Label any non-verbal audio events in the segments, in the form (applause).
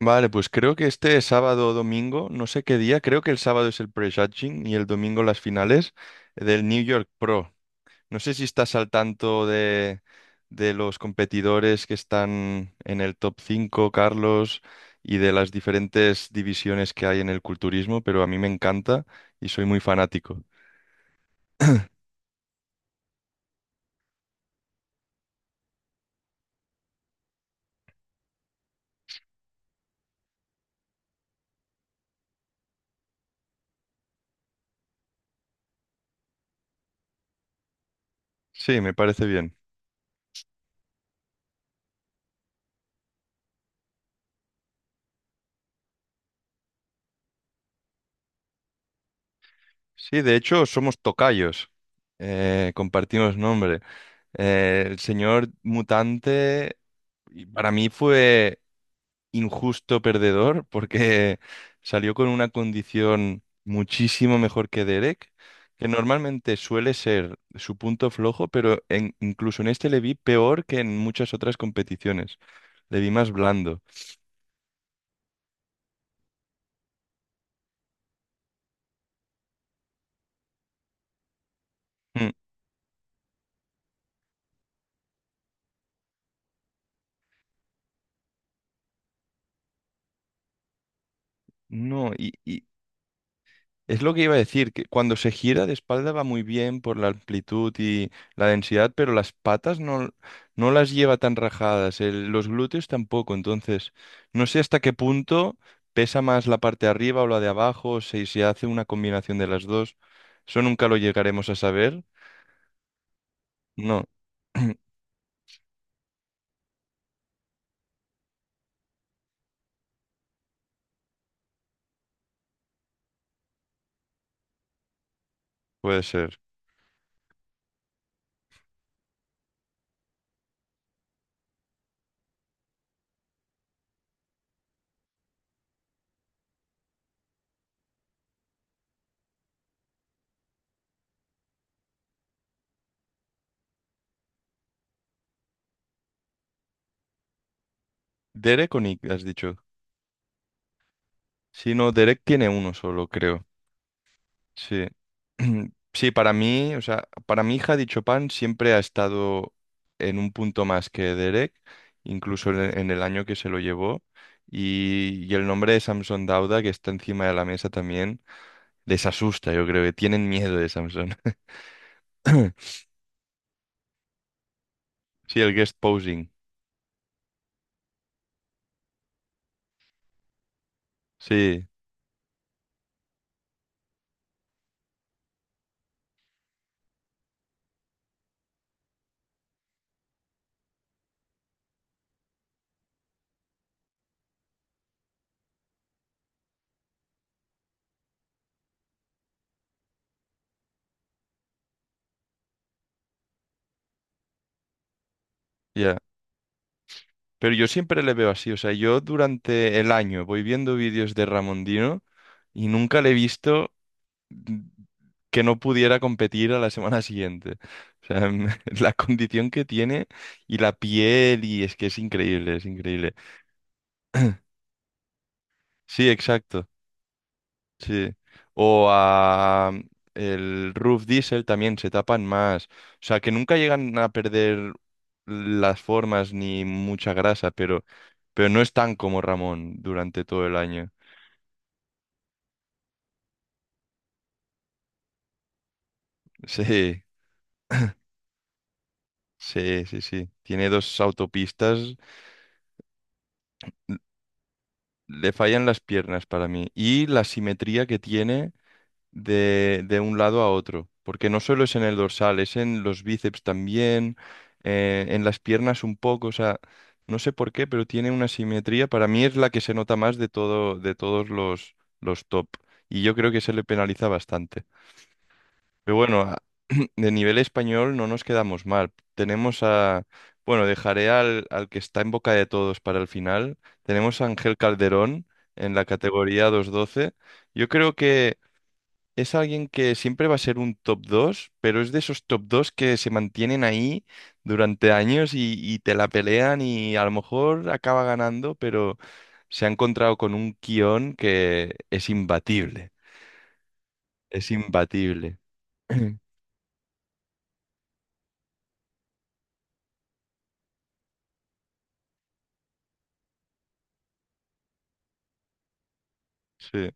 Vale, pues creo que este sábado o domingo, no sé qué día, creo que el sábado es el prejudging y el domingo las finales del New York Pro. No sé si estás al tanto de los competidores que están en el top cinco, Carlos, y de las diferentes divisiones que hay en el culturismo, pero a mí me encanta y soy muy fanático. Sí, me parece bien. Sí, de hecho, somos tocayos. Compartimos nombre. El señor mutante. Y para mí fue injusto perdedor porque (laughs) salió con una condición muchísimo mejor que Derek, que normalmente suele ser su punto flojo, pero incluso en este le vi peor que en muchas otras competiciones. Le vi más blando. Mm. No, y es lo que iba a decir, que cuando se gira de espalda va muy bien por la amplitud y la densidad, pero las patas no, no las lleva tan rajadas, los glúteos tampoco, entonces no sé hasta qué punto pesa más la parte de arriba o la de abajo, o si se hace una combinación de las dos, eso nunca lo llegaremos a saber. No. (clears throat) Puede ser. Derek o Nick, has dicho. Si no, Derek tiene uno solo, creo. Sí. (clears throat) Sí, para mí, o sea, para mi hija, dicho pan siempre ha estado en un punto más que Derek, incluso en el año que se lo llevó. Y el nombre de Samson Dauda, que está encima de la mesa también, les asusta. Yo creo que tienen miedo de Samson. (clears throat) Sí, el guest posing. Sí, ya. Pero yo siempre le veo así, o sea, yo durante el año voy viendo vídeos de Ramondino y nunca le he visto que no pudiera competir a la semana siguiente. O sea, (laughs) la condición que tiene y la piel, y es que es increíble, es increíble. Sí, exacto, sí. O a el Roof Diesel también se tapan más. O sea, que nunca llegan a perder las formas ni mucha grasa, pero no están como Ramón durante todo el año. (laughs) Sí, sí, sí, sí. Tiene dos autopistas. Le fallan las piernas para mí, y la simetría que tiene de un lado a otro, porque no solo es en el dorsal, es en los bíceps también, en las piernas un poco, o sea, no sé por qué, pero tiene una simetría, para mí es la que se nota más de todo, de todos los top, y yo creo que se le penaliza bastante. Pero bueno, de nivel español no nos quedamos mal. Tenemos a, bueno, dejaré al, al que está en boca de todos para el final. Tenemos a Ángel Calderón en la categoría 212. Yo creo que es alguien que siempre va a ser un top dos, pero es de esos top 2 que se mantienen ahí durante años, y te la pelean y a lo mejor acaba ganando, pero se ha encontrado con un guión que es imbatible. Es imbatible. (clears throat) Sí.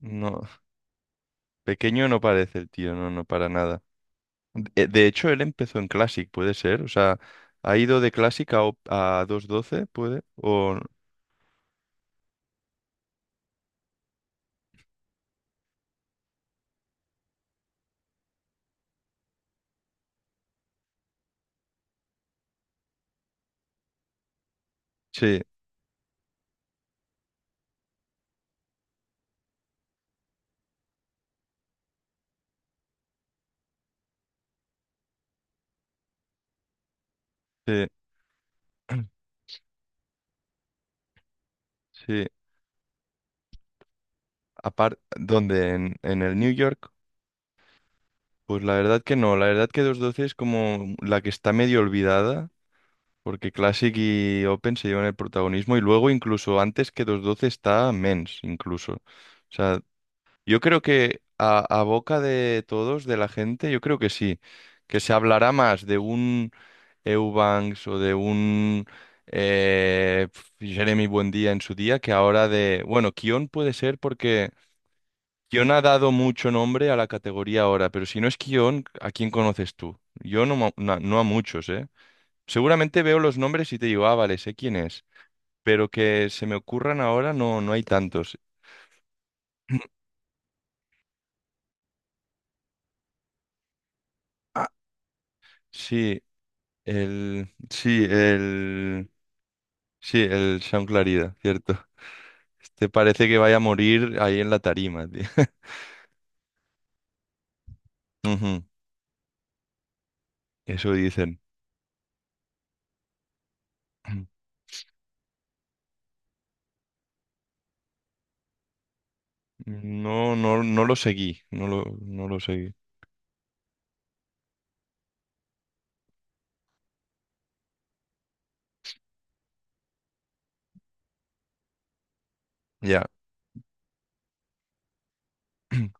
No. Pequeño no parece el tío, no, no, para nada. De hecho, él empezó en Classic, puede ser. O sea, ha ido de Classic a 212, puede. O... Sí, sí, sí. Aparte, ¿dónde? En el New York. Pues la verdad que no. La verdad que 212 es como la que está medio olvidada, porque Classic y Open se llevan el protagonismo. Y luego, incluso antes que 212 está Men's, incluso. O sea, yo creo que a boca de todos, de la gente, yo creo que sí, que se hablará más de un Eubanks o de un Jeremy Buendía en su día que ahora de... Bueno, Kion puede ser porque Kion ha dado mucho nombre a la categoría ahora, pero si no es Kion, ¿a quién conoces tú? Yo no, no a muchos, ¿eh? Seguramente veo los nombres y te digo, ah, vale, sé quién es, pero que se me ocurran ahora no, no hay tantos. Ah, sí. El, sí, el, sí, el Sean Clarida, cierto. Este parece que vaya a morir ahí en la tarima, tío. (laughs) Ujú. Eso dicen. (clears throat) No, no, no lo seguí, no lo seguí. Ya, (clears throat)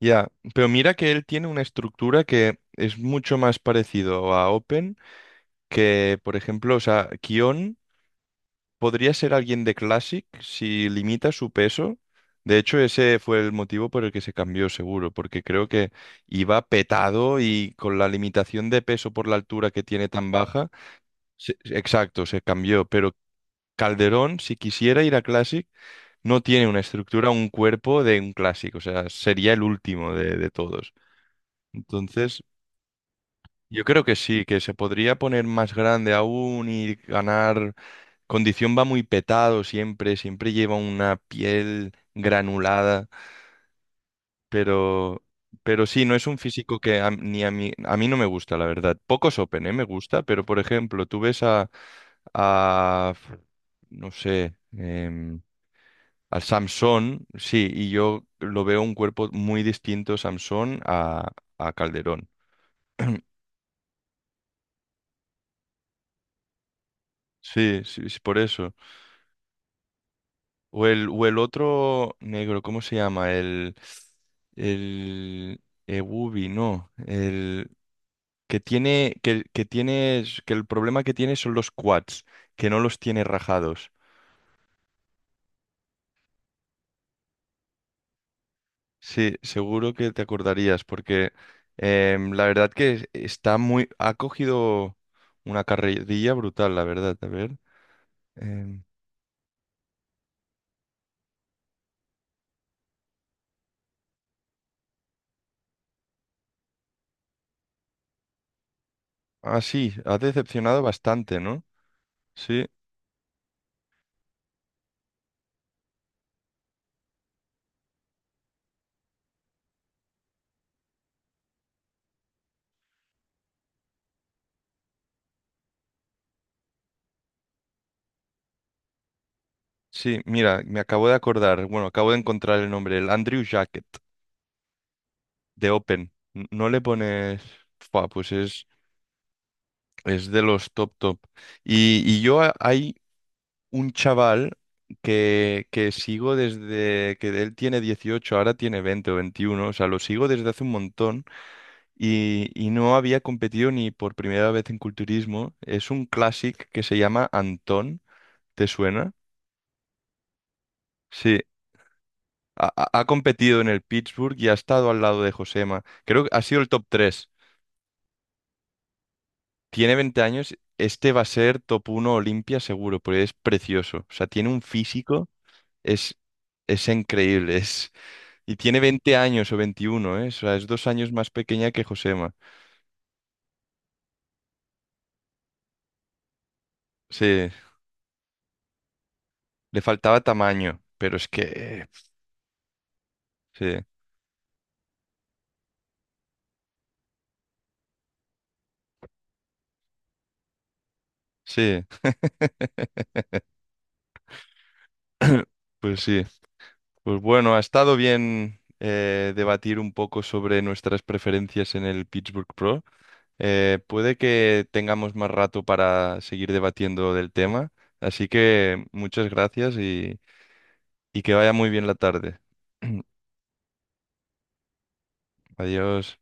ya. Pero mira que él tiene una estructura que es mucho más parecido a Open que, por ejemplo, o sea, Kion. Podría ser alguien de Classic si limita su peso. De hecho, ese fue el motivo por el que se cambió seguro, porque creo que iba petado y con la limitación de peso por la altura que tiene tan baja, exacto, se cambió. Pero Calderón, si quisiera ir a Classic, no tiene una estructura, un cuerpo de un Classic, o sea, sería el último de todos. Entonces, yo creo que sí, que se podría poner más grande aún y ganar. Condición va muy petado siempre, siempre lleva una piel granulada, pero, pero sí, no es un físico que ni a mí, a mí no me gusta, la verdad. Pocos Open, ¿eh? Me gusta, pero por ejemplo, tú ves a no sé, al Samson, sí, y yo lo veo un cuerpo muy distinto Samson a Calderón. Sí, sí, sí, por eso. O el otro negro, ¿cómo se llama? El Ebubi, no. El que tiene, que tiene, que el problema que tiene son los quads, que no los tiene rajados. Sí, seguro que te acordarías, porque la verdad que está muy, ha cogido una carrerilla brutal, la verdad. A ver. em, ah, sí, ha decepcionado bastante, ¿no? Sí, sí, mira, me acabo de acordar, bueno, acabo de encontrar el nombre, el Andrew Jacket. De Open. No le pones... Fua, pues es de los top top. Y yo hay un chaval que sigo desde que él tiene 18, ahora tiene 20 o 21, o sea, lo sigo desde hace un montón y no había competido ni por primera vez en culturismo. Es un classic que se llama Antón, ¿te suena? Sí. Ha competido en el Pittsburgh y ha estado al lado de Josema. Creo que ha sido el top tres. Tiene 20 años, este va a ser top uno Olimpia seguro, porque es precioso. O sea, tiene un físico, es, es increíble. Y tiene 20 años o 21, ¿eh? O sea, es 2 años más pequeña que Josema. Sí, le faltaba tamaño, pero es que... Sí, sí. (coughs) (clears throat) Pues sí. Pues bueno, ha estado bien debatir un poco sobre nuestras preferencias en el Pittsburgh Pro. Puede que tengamos más rato para seguir debatiendo del tema, así que muchas gracias, y que vaya muy bien la tarde. (clears throat) Adiós.